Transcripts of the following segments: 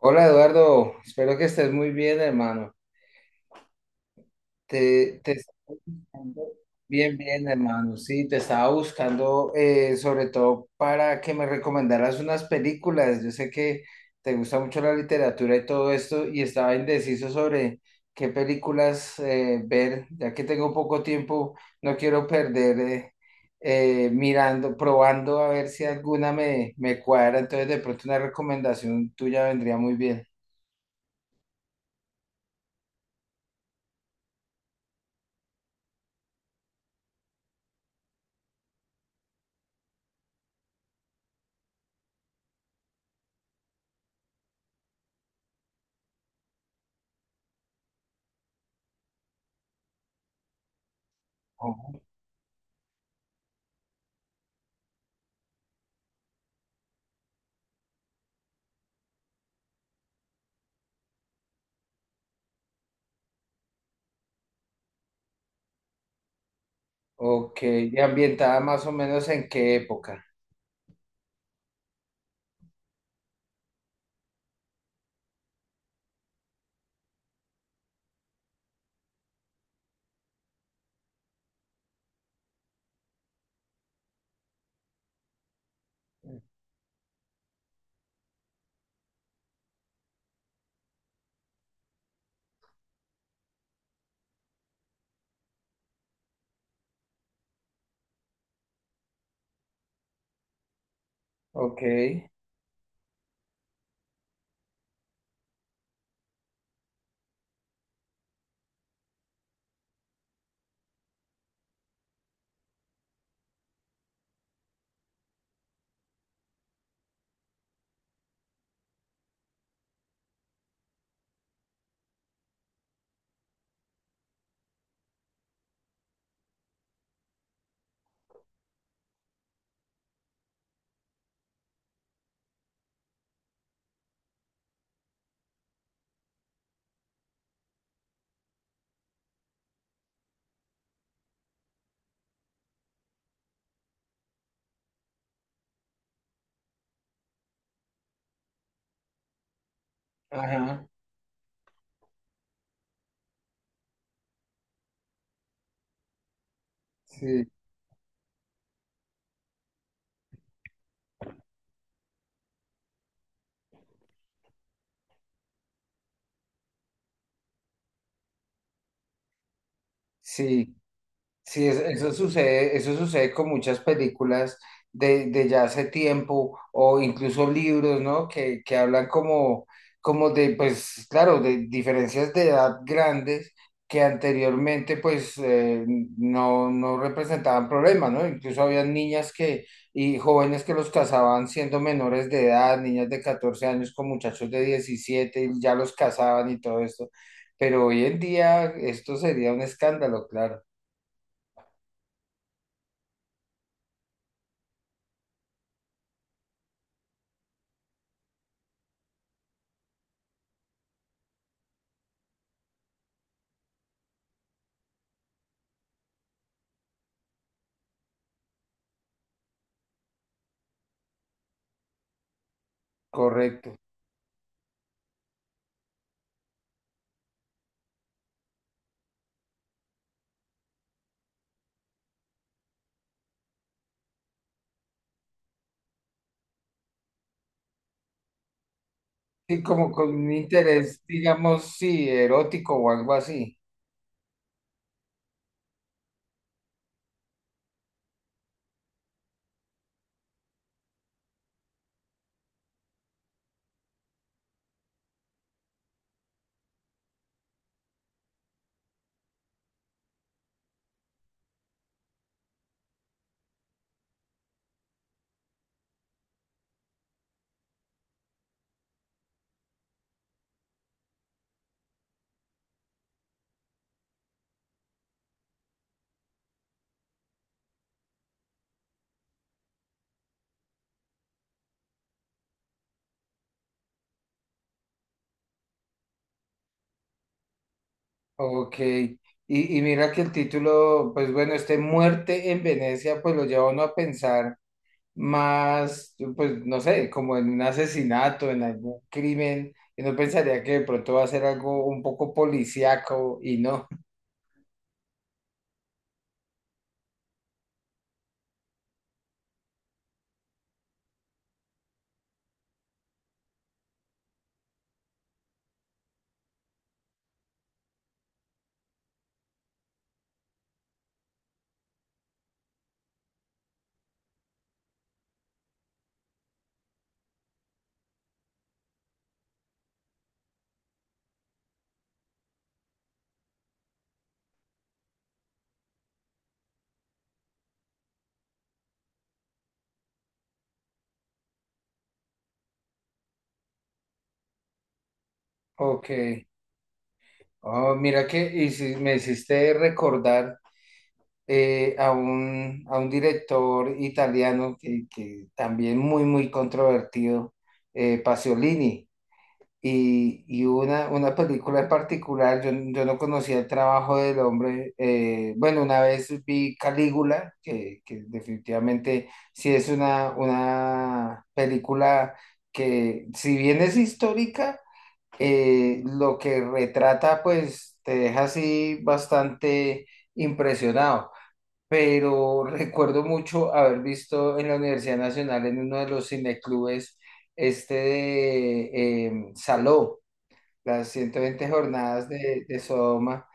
Hola Eduardo, espero que estés muy bien, hermano. Te estaba bien, bien, hermano. Sí, te estaba buscando sobre todo para que me recomendaras unas películas. Yo sé que te gusta mucho la literatura y todo esto, y estaba indeciso sobre qué películas ver, ya que tengo poco tiempo, no quiero perder mirando, probando a ver si alguna me cuadra. Entonces, de pronto una recomendación tuya vendría muy bien. Ok, y ambientada más o menos en qué época. Ok, ajá, sí, sí. Sí, eso sucede con muchas películas de ya hace tiempo o incluso libros, ¿no? Que hablan como, como de, pues claro, de diferencias de edad grandes que anteriormente pues no, no representaban problemas, ¿no? Incluso había niñas que, y jóvenes que los casaban siendo menores de edad, niñas de 14 años con muchachos de 17 y ya los casaban y todo esto. Pero hoy en día esto sería un escándalo, claro. Correcto. Sí, como con un interés, digamos, sí, erótico o algo así. Ok. Y mira que el título, pues bueno, este Muerte en Venecia, pues lo lleva a uno a pensar más, pues no sé, como en un asesinato, en algún crimen. Y no pensaría que de pronto va a ser algo un poco policíaco y no. Ok. Oh, mira que y si me hiciste recordar. A a un director italiano que también muy, muy controvertido, Pasolini. Y una película en particular, yo no conocía el trabajo del hombre. Bueno, una vez vi Calígula, que definitivamente sí es una película que, si bien es histórica, lo que retrata, pues te deja así bastante impresionado, pero recuerdo mucho haber visto en la Universidad Nacional, en uno de los cineclubes, este de Saló, las 120 jornadas de Sodoma,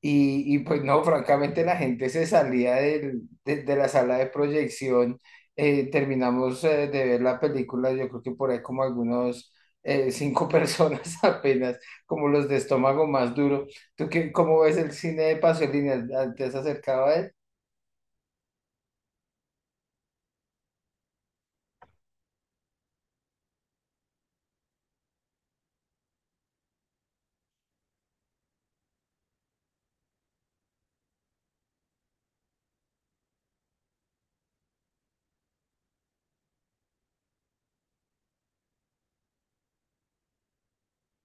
y pues no, francamente la gente se salía de la sala de proyección. Terminamos de ver la película, yo creo que por ahí como algunos... cinco personas apenas, como los de estómago más duro. ¿Tú qué, cómo ves el cine de Pasolini? ¿Te has acercado a él?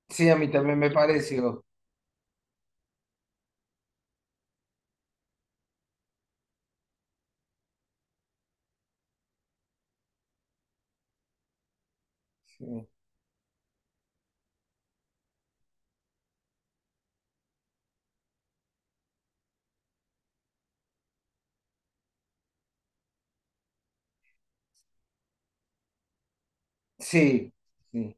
Sí, a mí también me pareció. Sí, sí, sí.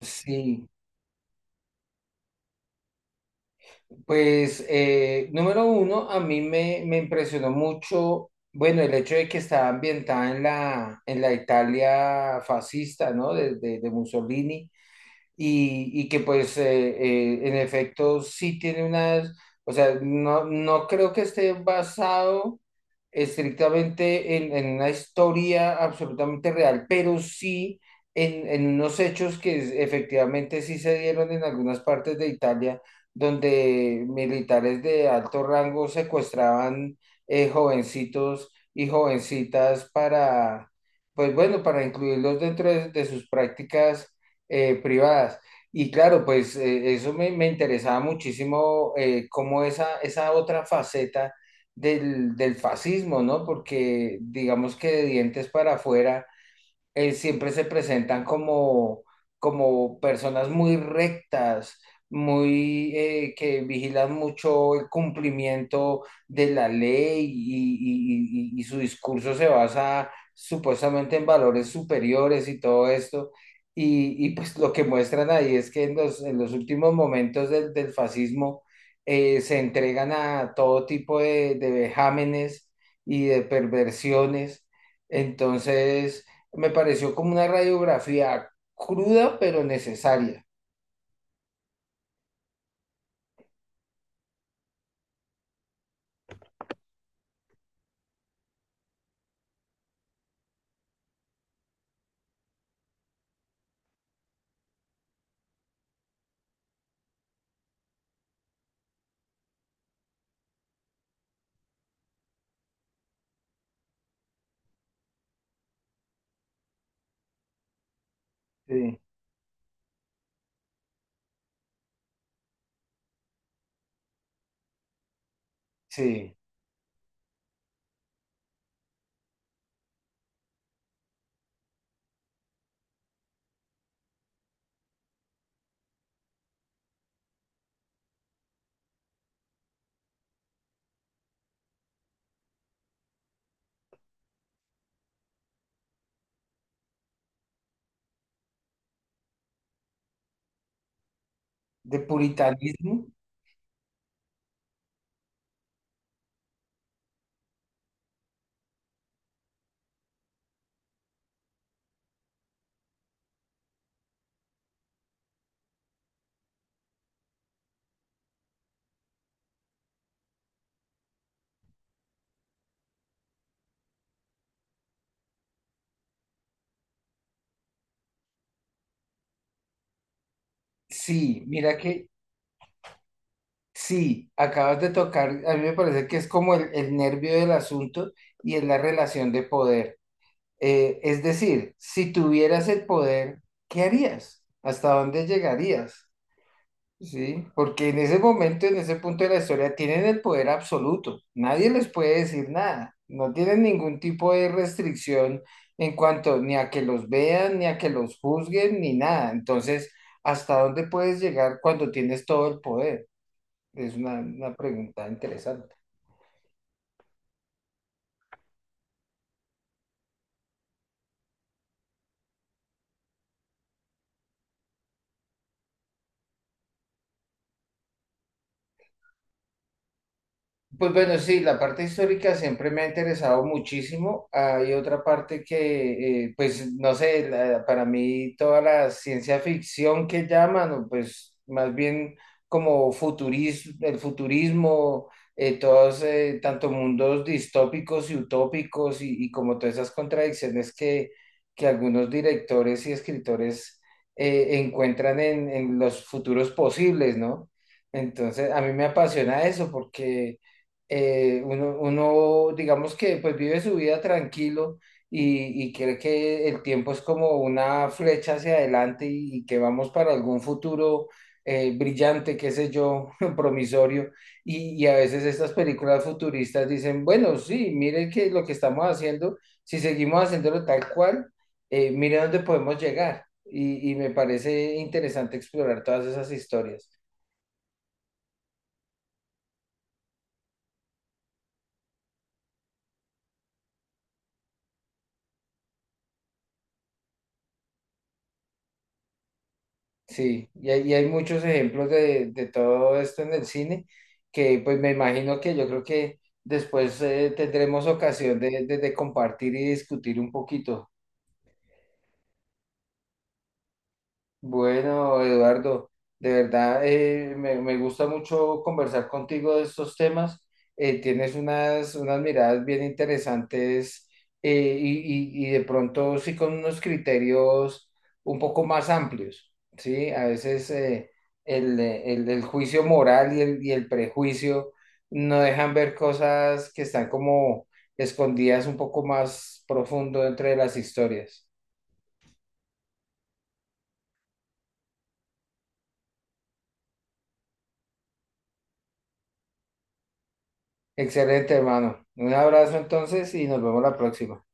Sí. Pues número uno, a mí me impresionó mucho, bueno, el hecho de que estaba ambientada en la Italia fascista, ¿no? De, de Mussolini y que pues en efecto sí tiene unas, o sea, no, no creo que esté basado estrictamente en una historia absolutamente real, pero sí en unos hechos que efectivamente sí se dieron en algunas partes de Italia, donde militares de alto rango secuestraban jovencitos y jovencitas para, pues bueno, para incluirlos dentro de sus prácticas privadas. Y claro, pues eso me interesaba muchísimo, cómo esa, esa otra faceta del, del fascismo, ¿no? Porque digamos que de dientes para afuera siempre se presentan como, como personas muy rectas, muy que vigilan mucho el cumplimiento de la ley y, y su discurso se basa supuestamente en valores superiores y todo esto. Y, pues lo que muestran ahí es que en los últimos momentos del, del fascismo se entregan a todo tipo de vejámenes y de perversiones. Entonces, me pareció como una radiografía cruda, pero necesaria. Sí, sí. De puritanismo. Sí, mira que sí, acabas de tocar, a mí me parece que es como el nervio del asunto y es la relación de poder. Es decir, si tuvieras el poder, ¿qué harías? ¿Hasta dónde llegarías? Sí, porque en ese momento, en ese punto de la historia, tienen el poder absoluto. Nadie les puede decir nada. No tienen ningún tipo de restricción en cuanto ni a que los vean, ni a que los juzguen, ni nada. Entonces, ¿hasta dónde puedes llegar cuando tienes todo el poder? Es una pregunta interesante. Pues bueno, sí, la parte histórica siempre me ha interesado muchísimo. Hay otra parte que, pues no sé, para mí toda la ciencia ficción que llaman, o pues más bien como futurismo, el futurismo, todos, tanto mundos distópicos y utópicos y como todas esas contradicciones que algunos directores y escritores encuentran en los futuros posibles, ¿no? Entonces, a mí me apasiona eso porque uno, uno, digamos que pues vive su vida tranquilo y cree que el tiempo es como una flecha hacia adelante y que vamos para algún futuro brillante, qué sé yo, promisorio. Y a veces estas películas futuristas dicen, bueno, sí, miren que lo que estamos haciendo, si seguimos haciéndolo tal cual, miren dónde podemos llegar. Y me parece interesante explorar todas esas historias. Sí, y hay muchos ejemplos de todo esto en el cine, que pues me imagino que yo creo que después tendremos ocasión de compartir y discutir un poquito. Bueno, Eduardo, de verdad me, me gusta mucho conversar contigo de estos temas. Tienes unas, unas miradas bien interesantes y, y de pronto sí con unos criterios un poco más amplios, ¿sí? A veces el, el juicio moral y el prejuicio no dejan ver cosas que están como escondidas un poco más profundo entre las historias. Excelente, hermano. Un abrazo entonces y nos vemos la próxima.